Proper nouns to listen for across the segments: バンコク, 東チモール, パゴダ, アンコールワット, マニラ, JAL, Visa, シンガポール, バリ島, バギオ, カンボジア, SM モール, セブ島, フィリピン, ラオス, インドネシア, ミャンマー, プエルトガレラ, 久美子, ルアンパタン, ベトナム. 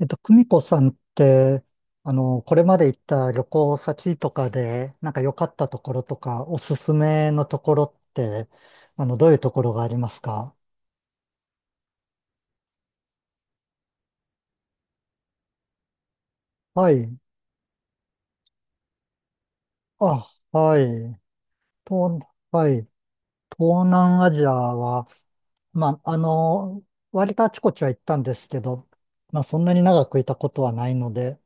久美子さんって、これまで行った旅行先とかで、なんか良かったところとか、おすすめのところって、どういうところがありますか？はい。あ、はい。東、はい。東南アジアは、まあ、割とあちこちは行ったんですけど、まあ、そんなに長くいたことはないので、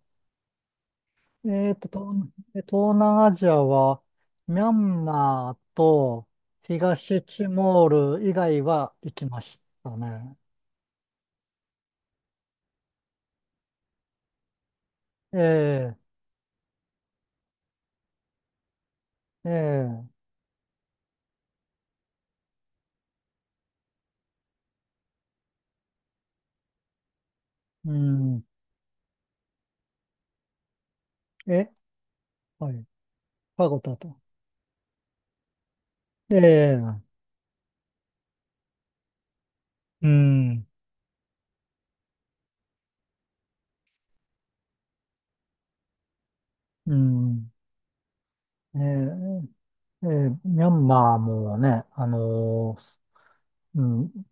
えっと、東、東南アジアは、ミャンマーと東チモール以外は行きましたね。ええ、ええ、うん、え、はい、パゴダと。ええ、うん、うん、ええ、ええ、ミャンマーもね、うん、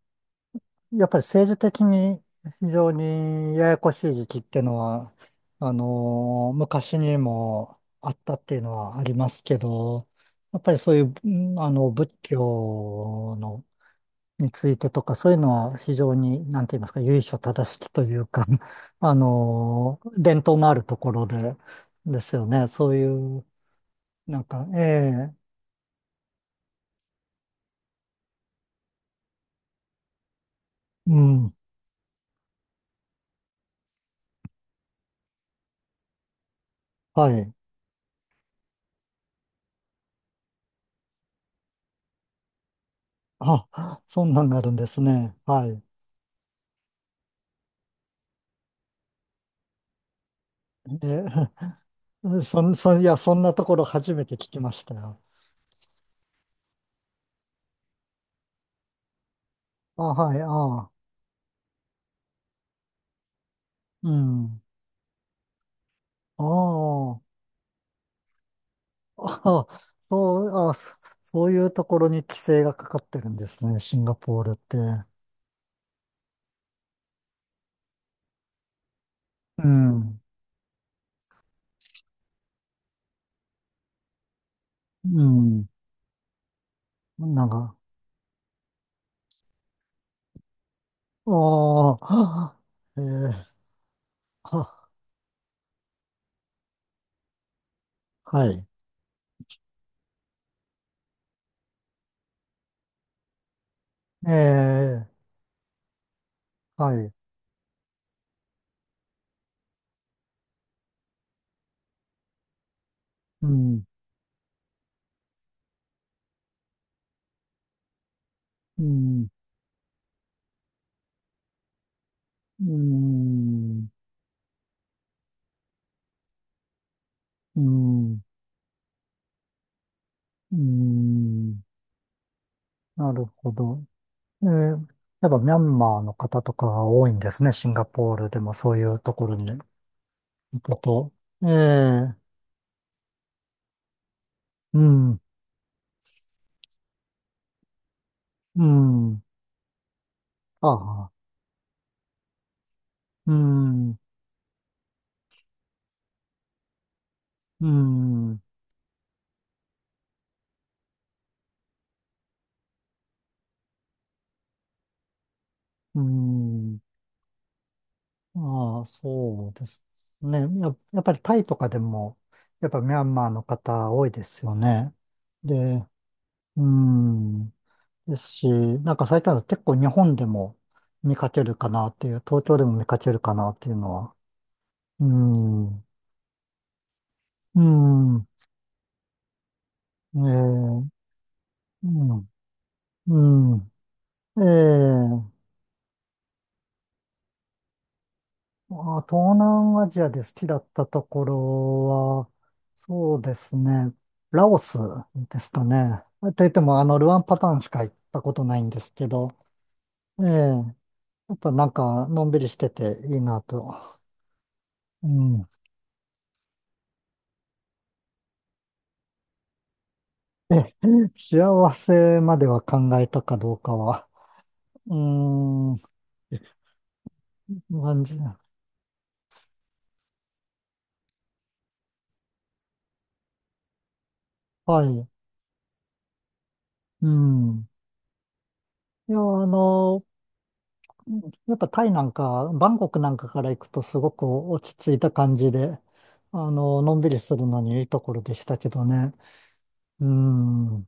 やっぱり政治的に非常にややこしい時期ってのは、昔にもあったっていうのはありますけど、やっぱりそういう、うん仏教の、についてとか、そういうのは非常に、なんて言いますか、由緒正しきというか、伝統のあるところで、ですよね。そういう、なんか、ええ、うん、はい。あ、そんなんがあるんですね。はい。えうん、そん、そん、いや、そんなところ初めて聞きましたよ。あ、はい、ああ、うん。ああ、ああ、そう、そういうところに規制がかかってるんですね、シンガポールって。うん、うん、なんか、ああ、えー、は、はい、ええ、はい、うん、うん、うん、うん、うん、なるほど。えー、やっぱミャンマーの方とかが多いんですね。シンガポールでもそういうところに行くと。ええ、うん、うん、ああ、うん、うん、うん、ああ、そうですね。やっぱりタイとかでも、やっぱミャンマーの方多いですよね。で、うん、ですし、なんか最近は結構日本でも見かけるかなっていう、東京でも見かけるかなっていうのは、うん、うん、えー、うん、うん、えー、まあ、東南アジアで好きだったところは、そうですね、ラオスですかね。と言っても、ルアンパタンしか行ったことないんですけど、ええ、やっぱなんか、のんびりしてていいなと。うん。え、幸せまでは考えたかどうかは、うーん、感じ。はい。うん。いや、の、うん、やっぱタイなんか、バンコクなんかから行くとすごく落ち着いた感じで、のんびりするのにいいところでしたけどね。うん、うん、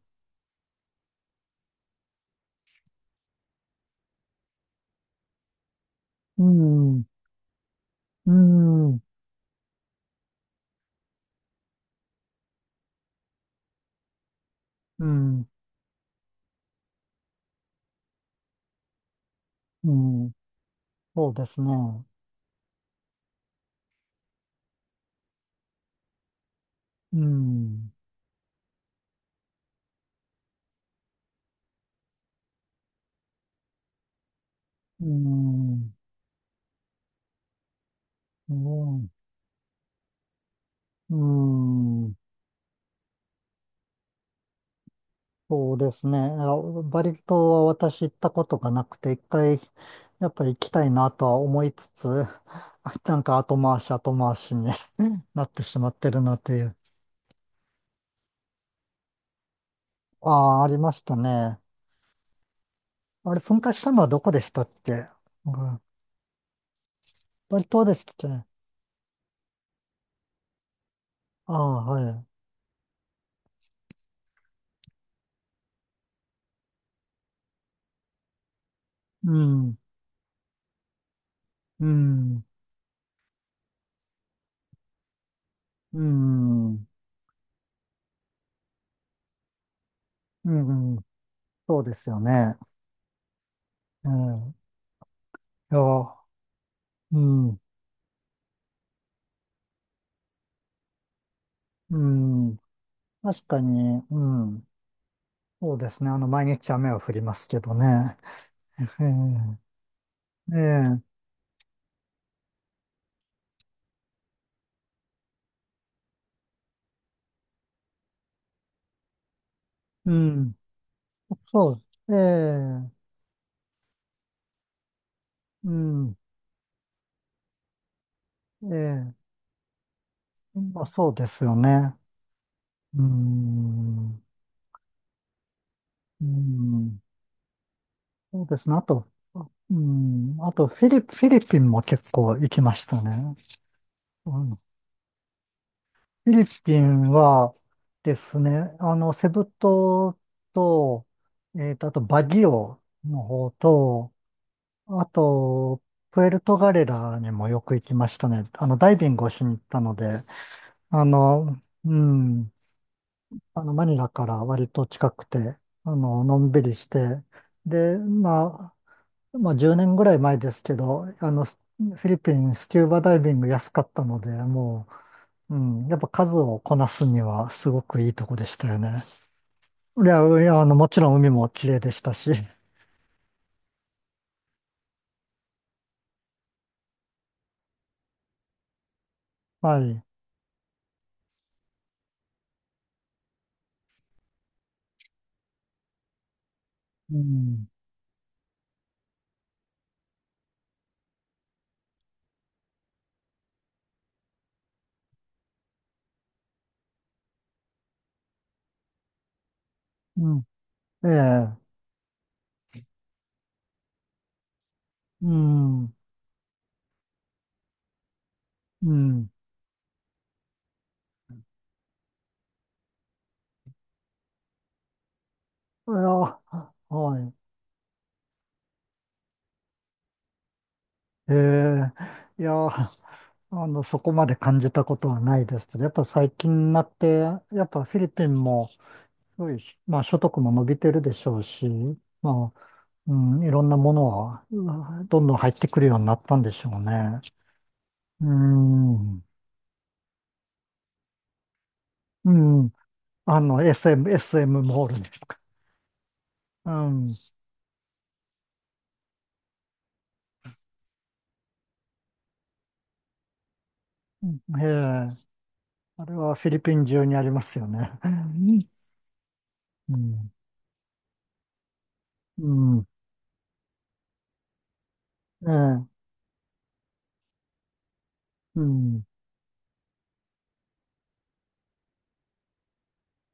うん、うん、うん、そうですね。うん、うん、うん、うん、そうですね。バリ島は私行ったことがなくて、一回、やっぱり行きたいなとは思いつつ、なんか後回し後回しに なってしまってるなという。ああ、ありましたね。あれ、噴火したのはどこでしたっけ？うん、バリ島でしたっけ？ああ、はい。うん、うん、うん、うん、そうですよね。うん、いや、うん、うん、確かに、うん、そうですね。毎日雨は降りますけどね。ええ、ええ、うん、そう、ええ、うん、ええ、まあ、そうですよね。うん、うん、そうですね。あと、うん、あとフィリピンも結構行きましたね。うん、フィリピンはですね、セブ島と、あとバギオの方と、あと、プエルトガレラにもよく行きましたね。ダイビングをしに行ったので、あの、うん、マニラから割と近くて、のんびりして、で、まあ、まあ10年ぐらい前ですけど、フィリピンスキューバダイビング安かったので、もう、うん、やっぱ数をこなすにはすごくいいとこでしたよね。いや、いや、もちろん海も綺麗でしたし、はい。うん、うん、ええ、うん、うん。いや、はい。ええ、いや、そこまで感じたことはないですけど、やっぱ最近になって、やっぱフィリピンも、すごい、まあ、所得も伸びてるでしょうし、まあ、うん、いろんなものは、うん、どんどん入ってくるようになったんでしょうね。うん、うん、SM モールとか。うん、うん、ええ、あれはフィリピン中にありますよね。うん、うん、ええ、うん、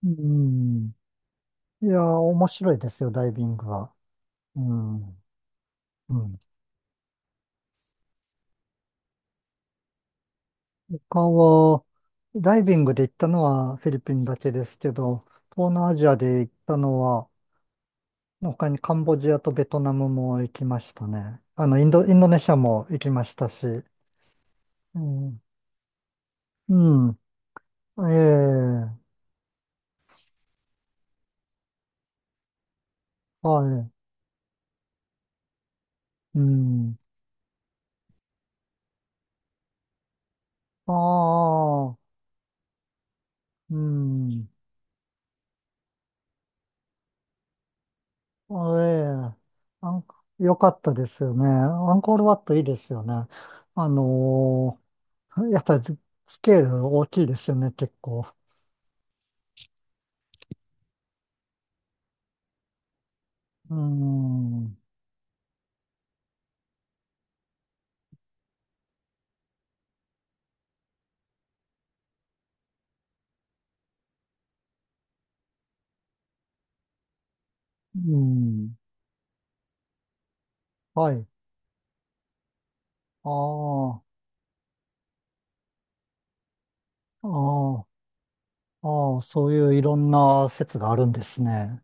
うん。いや、面白いですよ、ダイビングは。うん、うん。他は、ダイビングで行ったのはフィリピンだけですけど、東南アジアで行ったのは、他にカンボジアとベトナムも行きましたね。インドネシアも行きましたし。うん。うん。ええ、はい。うん。ああ、うん。ええあん、よかったですよね。アンコールワットいいですよね。あのやっぱりスケール大きいですよね、結構。うん。うん。はい。ああ、ああ。ああ、そういういろんな説があるんですね。